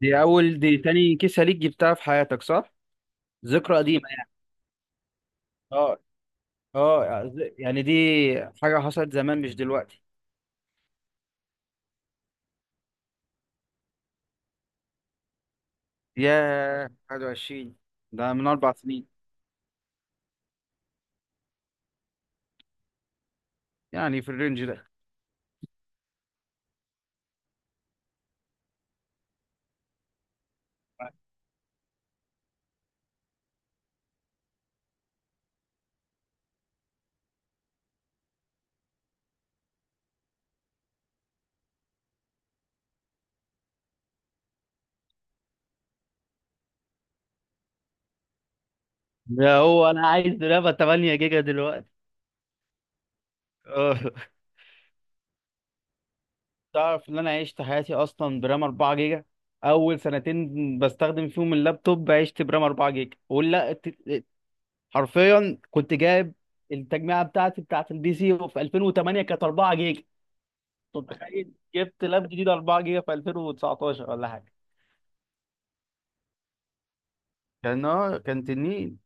دي تاني كيسة ليك جبتها في حياتك، صح؟ ذكرى قديمة يعني. اه اه يعني دي حاجة حصلت زمان، مش دلوقتي. ياه، 21! ده من 4 سنين، يعني في الرينج ده. ده هو، انا عايز رامة 8 جيجا دلوقتي. اه، تعرف ان انا عشت حياتي اصلا برام 4 جيجا؟ اول سنتين بستخدم فيهم اللابتوب عشت برام 4 جيجا، حرفيا كنت جايب التجميعه بتاعتي بتاعت البي سي في 2008، كانت 4 جيجا. طب تخيل، جبت لاب جديد 4 جيجا في 2019 ولا حاجه. كان تنين.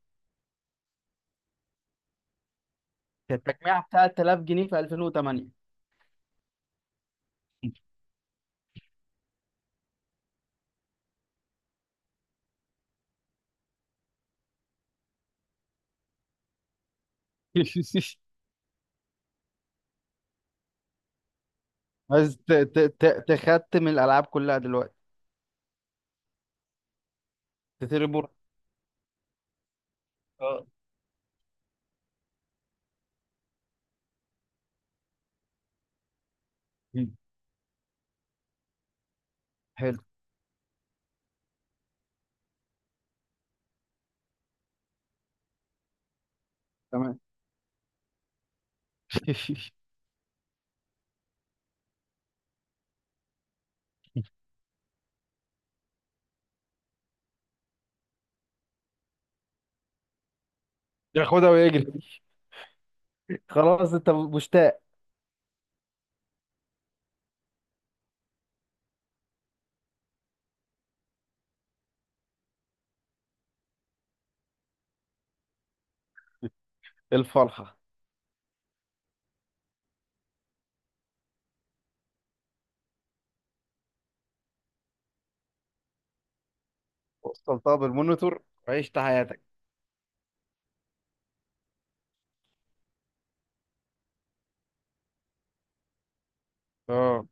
كانت التجميعه بتاعت 3000 جنيه في 2008. بس تختم الالعاب كلها دلوقتي. تتربور. اه. حلو. تمام. ياخدها ويجري. خلاص، انت مشتاق. الفرحه. وصلتها بالمونيتور. وعشت حياتك. اه.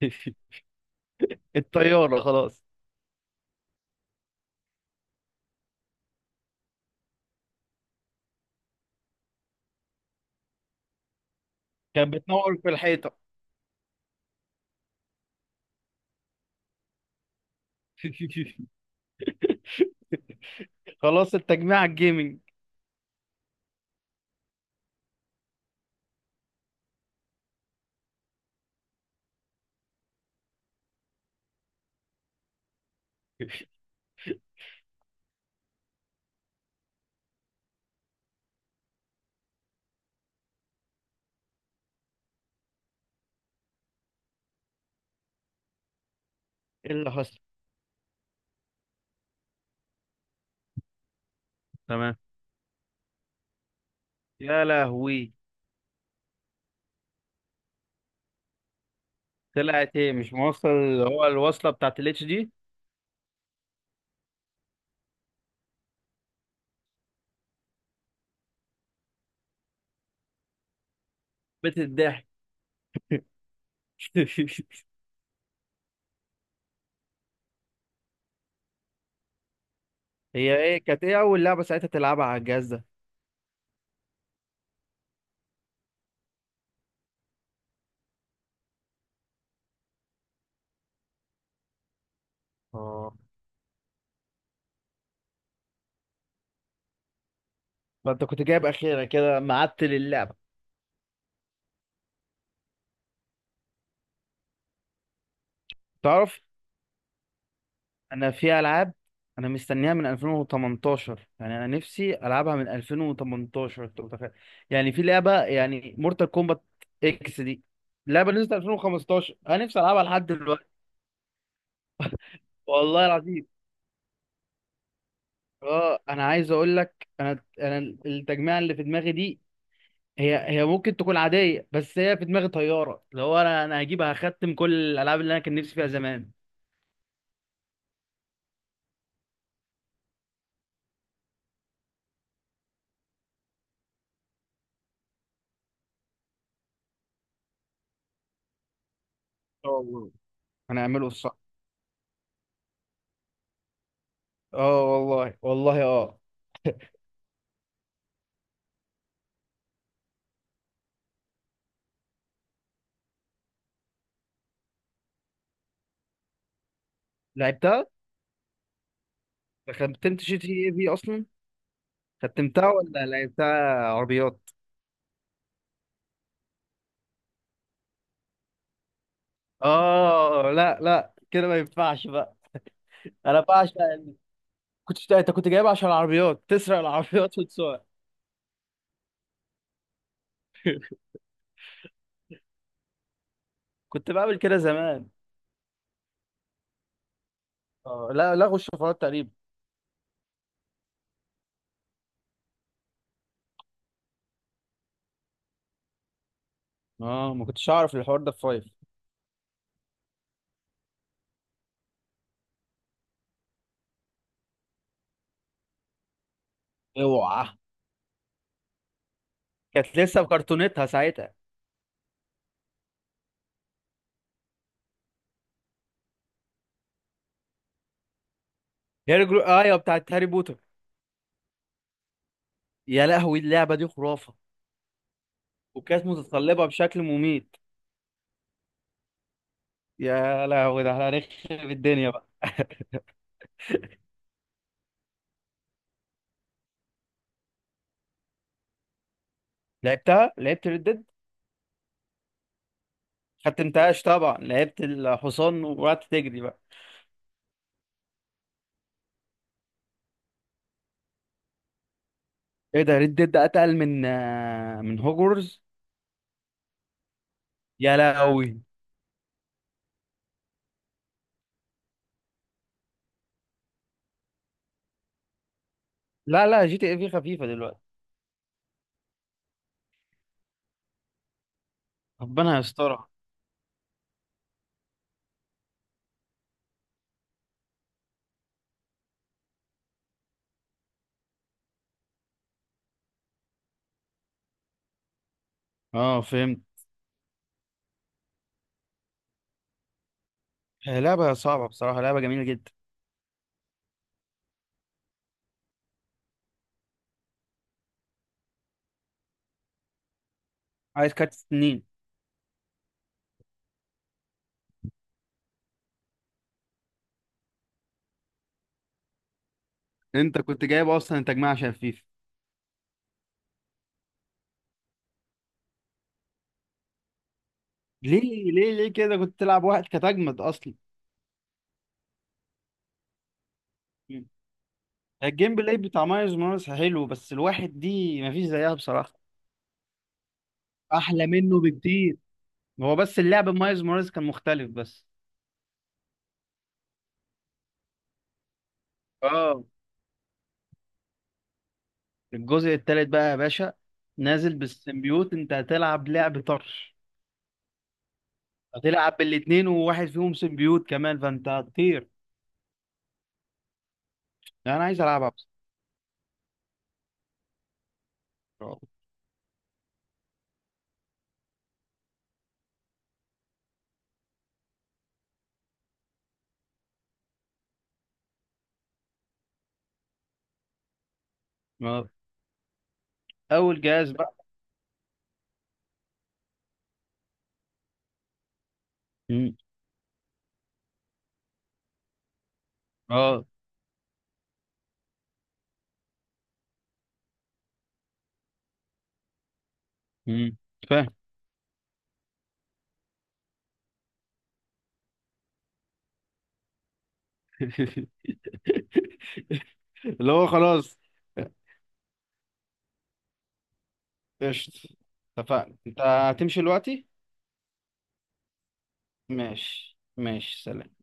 الطياره خلاص. كانت بتنور في الحيطه. خلاص، التجميع الجيمنج. إيه اللي حصل؟ تمام. يا لهوي. طلعت ايه، مش موصل اللي هو الوصله بتاعت الاتش دي؟ بيت الضحك. هي ايه؟ كانت ايه اول لعبه ساعتها تلعبها على الجهاز ده؟ اه. فانت كنت جايب اخيرا كده معدل اللعبه. تعرف، انا في العاب انا مستنيها من 2018، يعني انا نفسي العبها من 2018، انت متخيل؟ يعني في لعبه، يعني مورتال كومبات اكس دي، لعبه نزلت 2015، انا نفسي العبها لحد دلوقتي. والله العظيم. اه، انا عايز اقول لك، انا التجميعه اللي في دماغي دي، هي ممكن تكون عاديه، بس هي في دماغي طياره. اللي هو، انا هجيبها، هختم كل الالعاب اللي انا كان نفسي فيها زمان. اه والله. هنعمله الصح. اه والله، والله اه. لعبتها. ختمت جي تي اي في اصلا. ختمتها ولا لعبتها عربيات؟ اه لا لا، كده ما ينفعش بقى. انا بعشق انت كنت جايب عشان العربيات، تسرق العربيات وتسوق. كنت بعمل كده زمان. اه لا، لغوا الشفرات تقريبا. اه، ما كنتش اعرف الحوار ده في فايف. اوعى. كانت لسه بكرتونتها ساعتها. هي ايوه، بتاعت هاري بوتر. يا لهوي، اللعبه دي خرافه. وكانت متطلبه بشكل مميت. يا لهوي، ده احنا هنخرب الدنيا بقى. لعبتها، لعبت ريد ديد. ختمتهاش طبعا، لعبت الحصان وقعدت تجري بقى. ايه ده؟ ريد ديد اتقل من هوجورز؟ يا لهوي. لا لا، جي تي اي في خفيفه دلوقتي. ربنا يسترها. اه، فهمت. هي لعبة صعبة بصراحة، لعبة جميلة جدا. عايز كارت سنين. انت كنت جايب اصلا تجميع شفيف. ليه ليه كده كنت تلعب واحد؟ كانت اجمد اصلا. مم. الجيم بلاي بتاع مايلز موراليس حلو، بس الواحد دي مفيش زيها بصراحة. احلى منه بكتير. هو بس اللعب مايلز موراليس كان مختلف بس. اه. الجزء التالت بقى يا باشا، نازل بالسيمبيوت، انت هتلعب لعب طرش. هتلعب بالاتنين وواحد فيهم سيمبيوت كمان، فانت هتطير. لا، انا عايز العبها بس. اه. آه. اول جهاز بقى. مم. اه. مم. فاهم. اللي هو خلاص. قشطة. اتفقنا، انت هتمشي دلوقتي؟ ماشي ماشي، سلام.